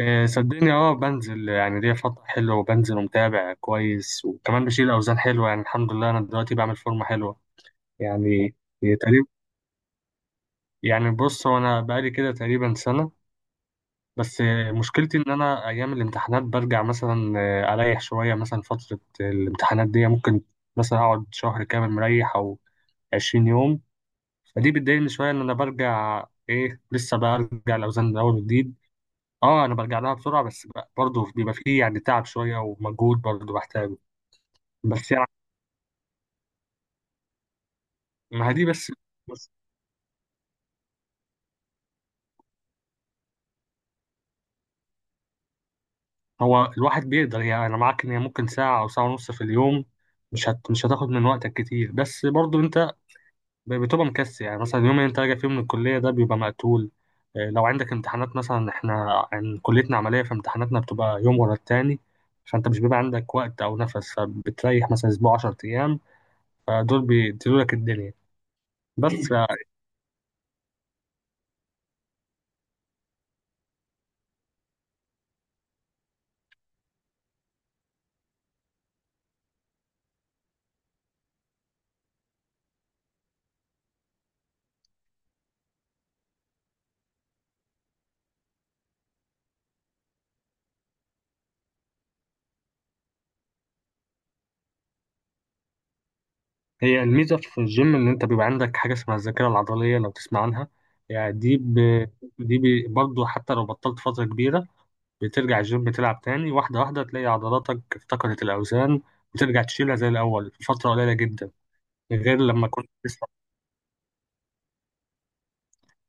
آه، صدقني اه بنزل يعني ليا فترة حلوة وبنزل ومتابع كويس، وكمان بشيل أوزان حلوة يعني الحمد لله. أنا دلوقتي بعمل فورمة حلوة يعني. هي تقريبا يعني بص، هو أنا بقالي كده تقريبا سنة بس. آه، مشكلتي إن أنا أيام الامتحانات برجع مثلا، آه، أريح شوية. مثلا فترة الامتحانات دي ممكن مثلا أقعد شهر كامل مريح أو 20 يوم. فدي بتضايقني شوية إن أنا برجع، إيه، لسه برجع الأوزان من أول وجديد. اه انا برجع لها بسرعه بس برضه بيبقى فيه يعني تعب شويه ومجهود برضه بحتاجه. بس يعني ما هي دي بس، هو الواحد بيقدر يعني. انا معاك ان هي ممكن ساعه او ساعه ونص في اليوم، مش هتاخد من وقتك كتير، بس برضه انت بتبقى مكسل. يعني مثلا اليوم اللي انت راجع فيه من الكليه ده بيبقى مقتول. آه، لو عندك امتحانات مثلا، احنا عن كليتنا عمليه فامتحاناتنا بتبقى يوم ورا التاني. فانت مش بيبقى عندك وقت او نفس، فبتريح مثلا اسبوع 10 ايام. فدول بيديلولك الدنيا بس. هي الميزة في الجيم إن أنت بيبقى عندك حاجة اسمها الذاكرة العضلية، لو تسمع عنها يعني. برضه حتى لو بطلت فترة كبيرة بترجع الجيم تلعب تاني، واحدة واحدة تلاقي عضلاتك افتقدت الأوزان، بترجع تشيلها زي الأول في فترة قليلة جدا، غير لما كنت لسه.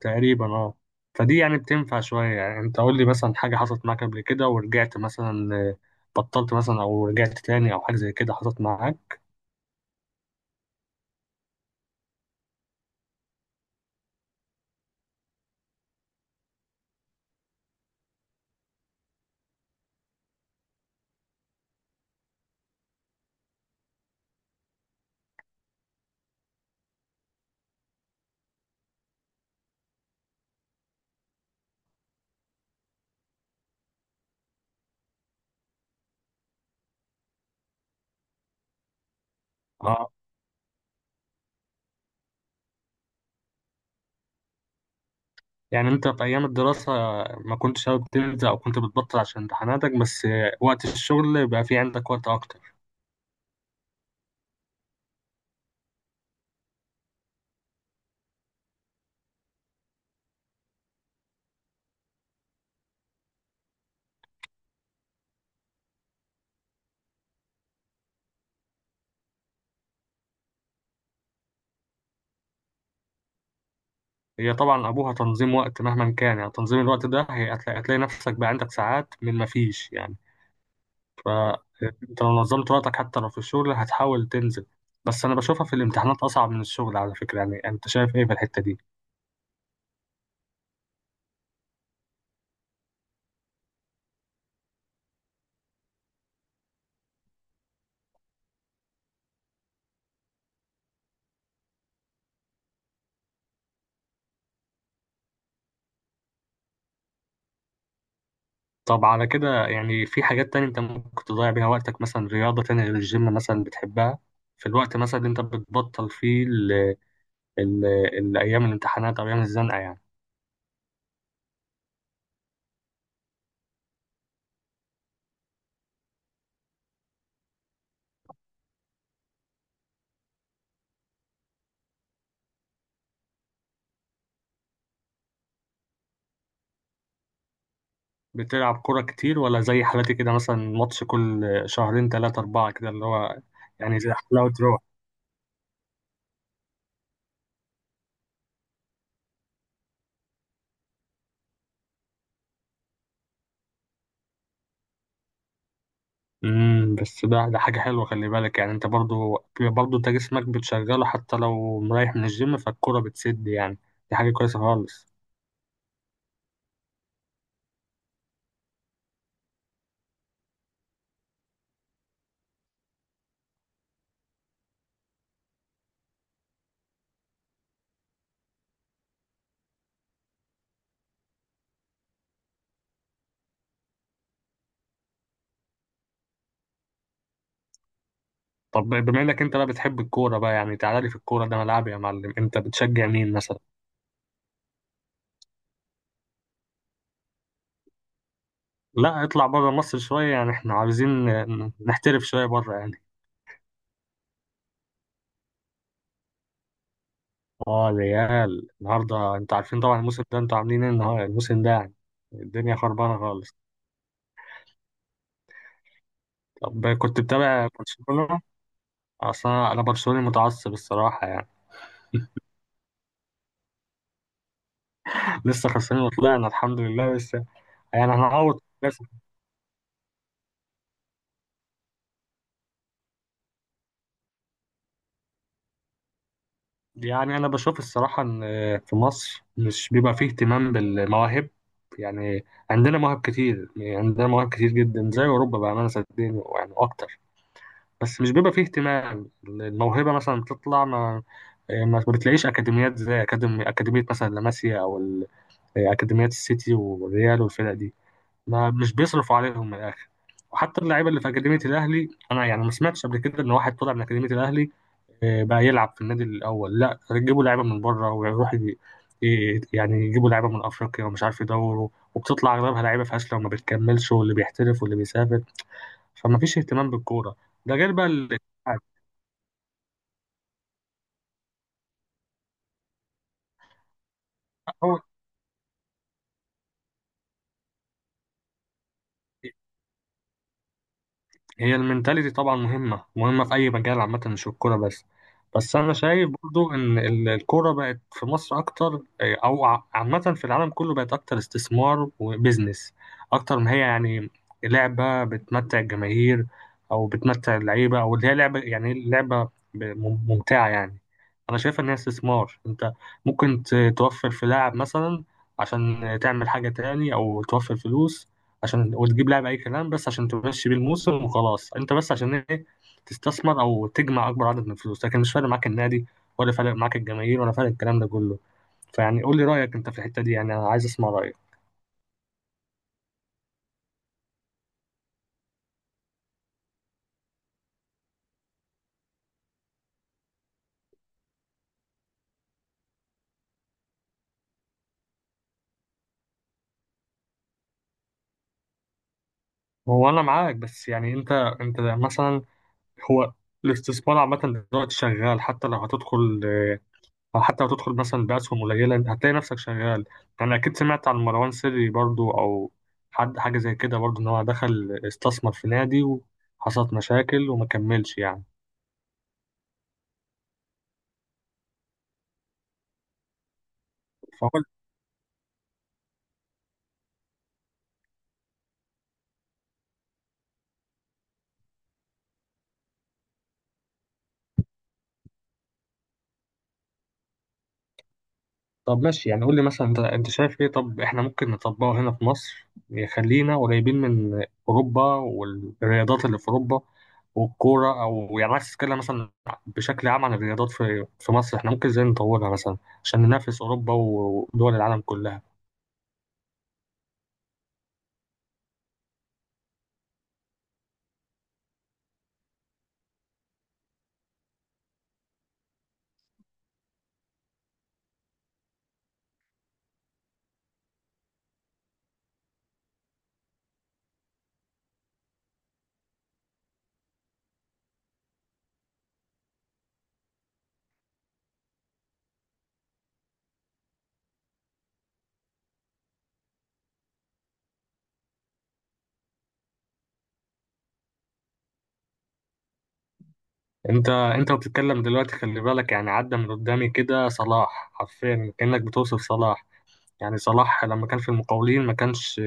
تقريبا اه. فدي يعني بتنفع شوية. يعني أنت قول لي مثلا حاجة حصلت معاك قبل كده ورجعت مثلا، آه، بطلت مثلا أو رجعت تاني، أو حاجة زي كده حصلت معاك. آه. يعني انت في ايام الدراسة ما كنتش حابب تنزل، او كنت بتبطل عشان امتحاناتك بس، وقت الشغل بقى في عندك وقت اكتر؟ هي طبعا ابوها تنظيم وقت مهما كان، يعني تنظيم الوقت ده هتلاقي نفسك بقى عندك ساعات من ما فيش يعني. فانت لو نظمت وقتك حتى لو في الشغل هتحاول تنزل. بس انا بشوفها في الامتحانات اصعب من الشغل على فكرة. يعني انت شايف ايه في الحتة دي؟ طب على كده، يعني في حاجات تانية انت ممكن تضيع بيها وقتك، مثلا رياضة تانية غير الجيم مثلا بتحبها في الوقت مثلا اللي انت بتبطل فيه، ال- أيام الامتحانات أو أيام الزنقة يعني؟ بتلعب كورة كتير ولا زي حالتي كده، مثلا ماتش كل شهرين تلاتة أربعة كده، اللي هو يعني زي حلاوة روح؟ امم، بس ده حاجة حلوة. خلي بالك يعني، أنت برضو أنت جسمك بتشغله حتى لو مريح من الجيم، فالكورة بتسد يعني. دي حاجة كويسة خالص. طب بما إنك أنت بقى بتحب الكورة بقى، يعني تعالى لي في الكورة، ده ملعبي يا معلم. أنت بتشجع مين مثلا؟ لا اطلع بره مصر شوية، يعني إحنا عاوزين نحترف شوية بره يعني. اه الريال، النهارده انتوا عارفين طبعا الموسم ده انتوا عاملين ايه النهارده الموسم ده يعني. الدنيا خربانه خالص. طب كنت بتابع برشلونه؟ اصلا انا برشلوني متعصب الصراحه يعني. لسه خسرانين وطلعنا الحمد لله بس. يعني هنعوض بس. يعني انا بشوف الصراحه ان في مصر مش بيبقى فيه اهتمام بالمواهب. يعني عندنا مواهب كتير، يعني عندنا مواهب كتير جدا زي اوروبا، بامانه صدقني يعني اكتر. بس مش بيبقى فيه اهتمام. الموهبة مثلا بتطلع ما بتلاقيش أكاديميات زي أكاديمية مثلا لاماسيا أو أكاديميات السيتي والريال والفرق دي. ما مش بيصرفوا عليهم من الآخر. وحتى اللعيبة اللي في أكاديمية الأهلي، أنا يعني ما سمعتش قبل كده إن واحد طلع من أكاديمية الأهلي، آه، بقى يلعب في النادي الأول. لا يجيبوا لعيبة من بره، ويروح يعني يجيبوا لعيبة من أفريقيا ومش عارف يدوروا، وبتطلع أغلبها لعيبة فاشلة وما بتكملش، واللي بيحترف واللي بيسافر. فما فيش اهتمام بالكورة. ده غير بقى هو. هي المنتاليتي طبعا مهمة في أي مجال عامة، مش في الكورة بس. بس أنا شايف برضو إن الكورة بقت في مصر أكتر، إيه، أو عامة في العالم كله بقت أكتر استثمار وبزنس، أكتر ما هي يعني لعبة بتمتع الجماهير أو بتمتع اللعيبة، أو اللي هي لعبة يعني لعبة ممتعة يعني. أنا شايف إن هي استثمار. أنت ممكن توفر في لاعب مثلا عشان تعمل حاجة تاني، أو توفر فلوس عشان وتجيب لاعب اي كلام بس عشان تمشي بيه الموسم وخلاص. انت بس عشان ايه؟ تستثمر او تجمع اكبر عدد من الفلوس، لكن مش فارق معاك النادي، ولا فارق معاك الجماهير، ولا فارق الكلام ده كله. فيعني قول لي رايك انت في الحته دي، يعني انا عايز اسمع رايك. هو انا معاك، بس يعني انت مثلا، هو الاستثمار عامه دلوقتي شغال. حتى لو هتدخل أو حتى لو تدخل مثلا بأسهم قليلة، أنت هتلاقي نفسك شغال. يعني أكيد سمعت عن مروان سري برضو، أو حد حاجة زي كده برضو، إن هو دخل استثمر في نادي وحصلت مشاكل وما كملش يعني. فقلت، طب ماشي يعني. قول لي مثلا، أنت أنت شايف إيه؟ طب إحنا ممكن نطبقه هنا في مصر يخلينا قريبين من أوروبا والرياضات اللي في أوروبا والكورة؟ أو يعني عايز تتكلم مثلا بشكل عام عن الرياضات في مصر، إحنا ممكن إزاي نطورها مثلا عشان ننافس أوروبا ودول العالم كلها؟ انت انت بتتكلم دلوقتي، خلي بالك، يعني عدى من قدامي كده صلاح، حرفيا كأنك بتوصف صلاح. يعني صلاح لما كان في المقاولين ما كانش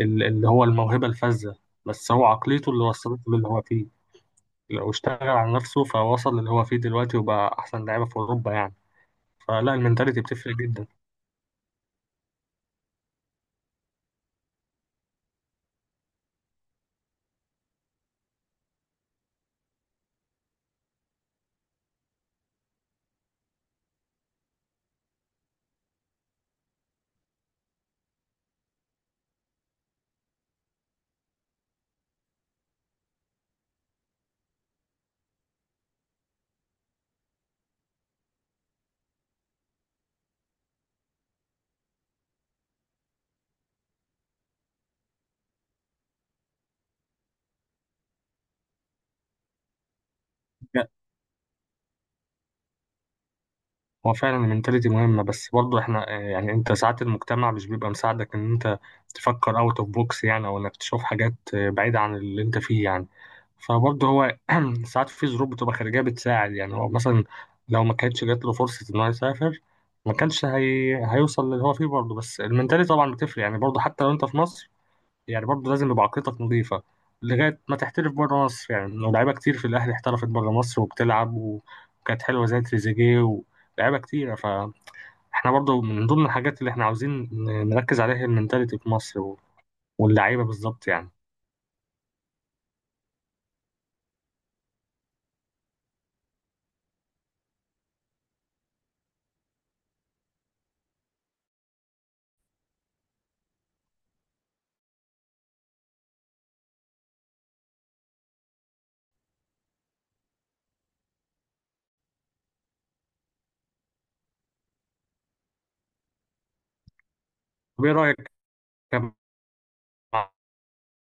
اللي هو الموهبة الفذة، بس هو عقليته اللي وصلته للي هو فيه. لو اشتغل على نفسه فوصل للي هو فيه دلوقتي، وبقى احسن لعيبة في اوروبا يعني. فلا، المنتاليتي بتفرق جدا. هو فعلا المنتاليتي مهمة، بس برضه احنا، آه، يعني انت ساعات المجتمع مش بيبقى مساعدك ان انت تفكر اوت اوف بوكس يعني، او انك تشوف حاجات، آه، بعيدة عن اللي انت فيه يعني. فبرضه هو ساعات في ظروف بتبقى خارجية بتساعد يعني. هو مثلا لو ما كانتش جات له فرصة ان هو يسافر ما كانش هيوصل للي هو فيه برضه. بس المنتاليتي طبعا بتفرق يعني، برضه حتى لو انت في مصر، يعني برضه لازم يبقى عقليتك نظيفة لغاية ما تحترف بره مصر يعني. لو لعيبة كتير في الأهلي احترفت بره مصر وبتلعب وكانت حلوة زي تريزيجيه ولاعيبة كتيرة، فاحنا برضه من ضمن الحاجات اللي احنا عاوزين نركز عليها هي المنتاليتي في مصر واللعيبة بالظبط يعني. طب ايه رأيك؟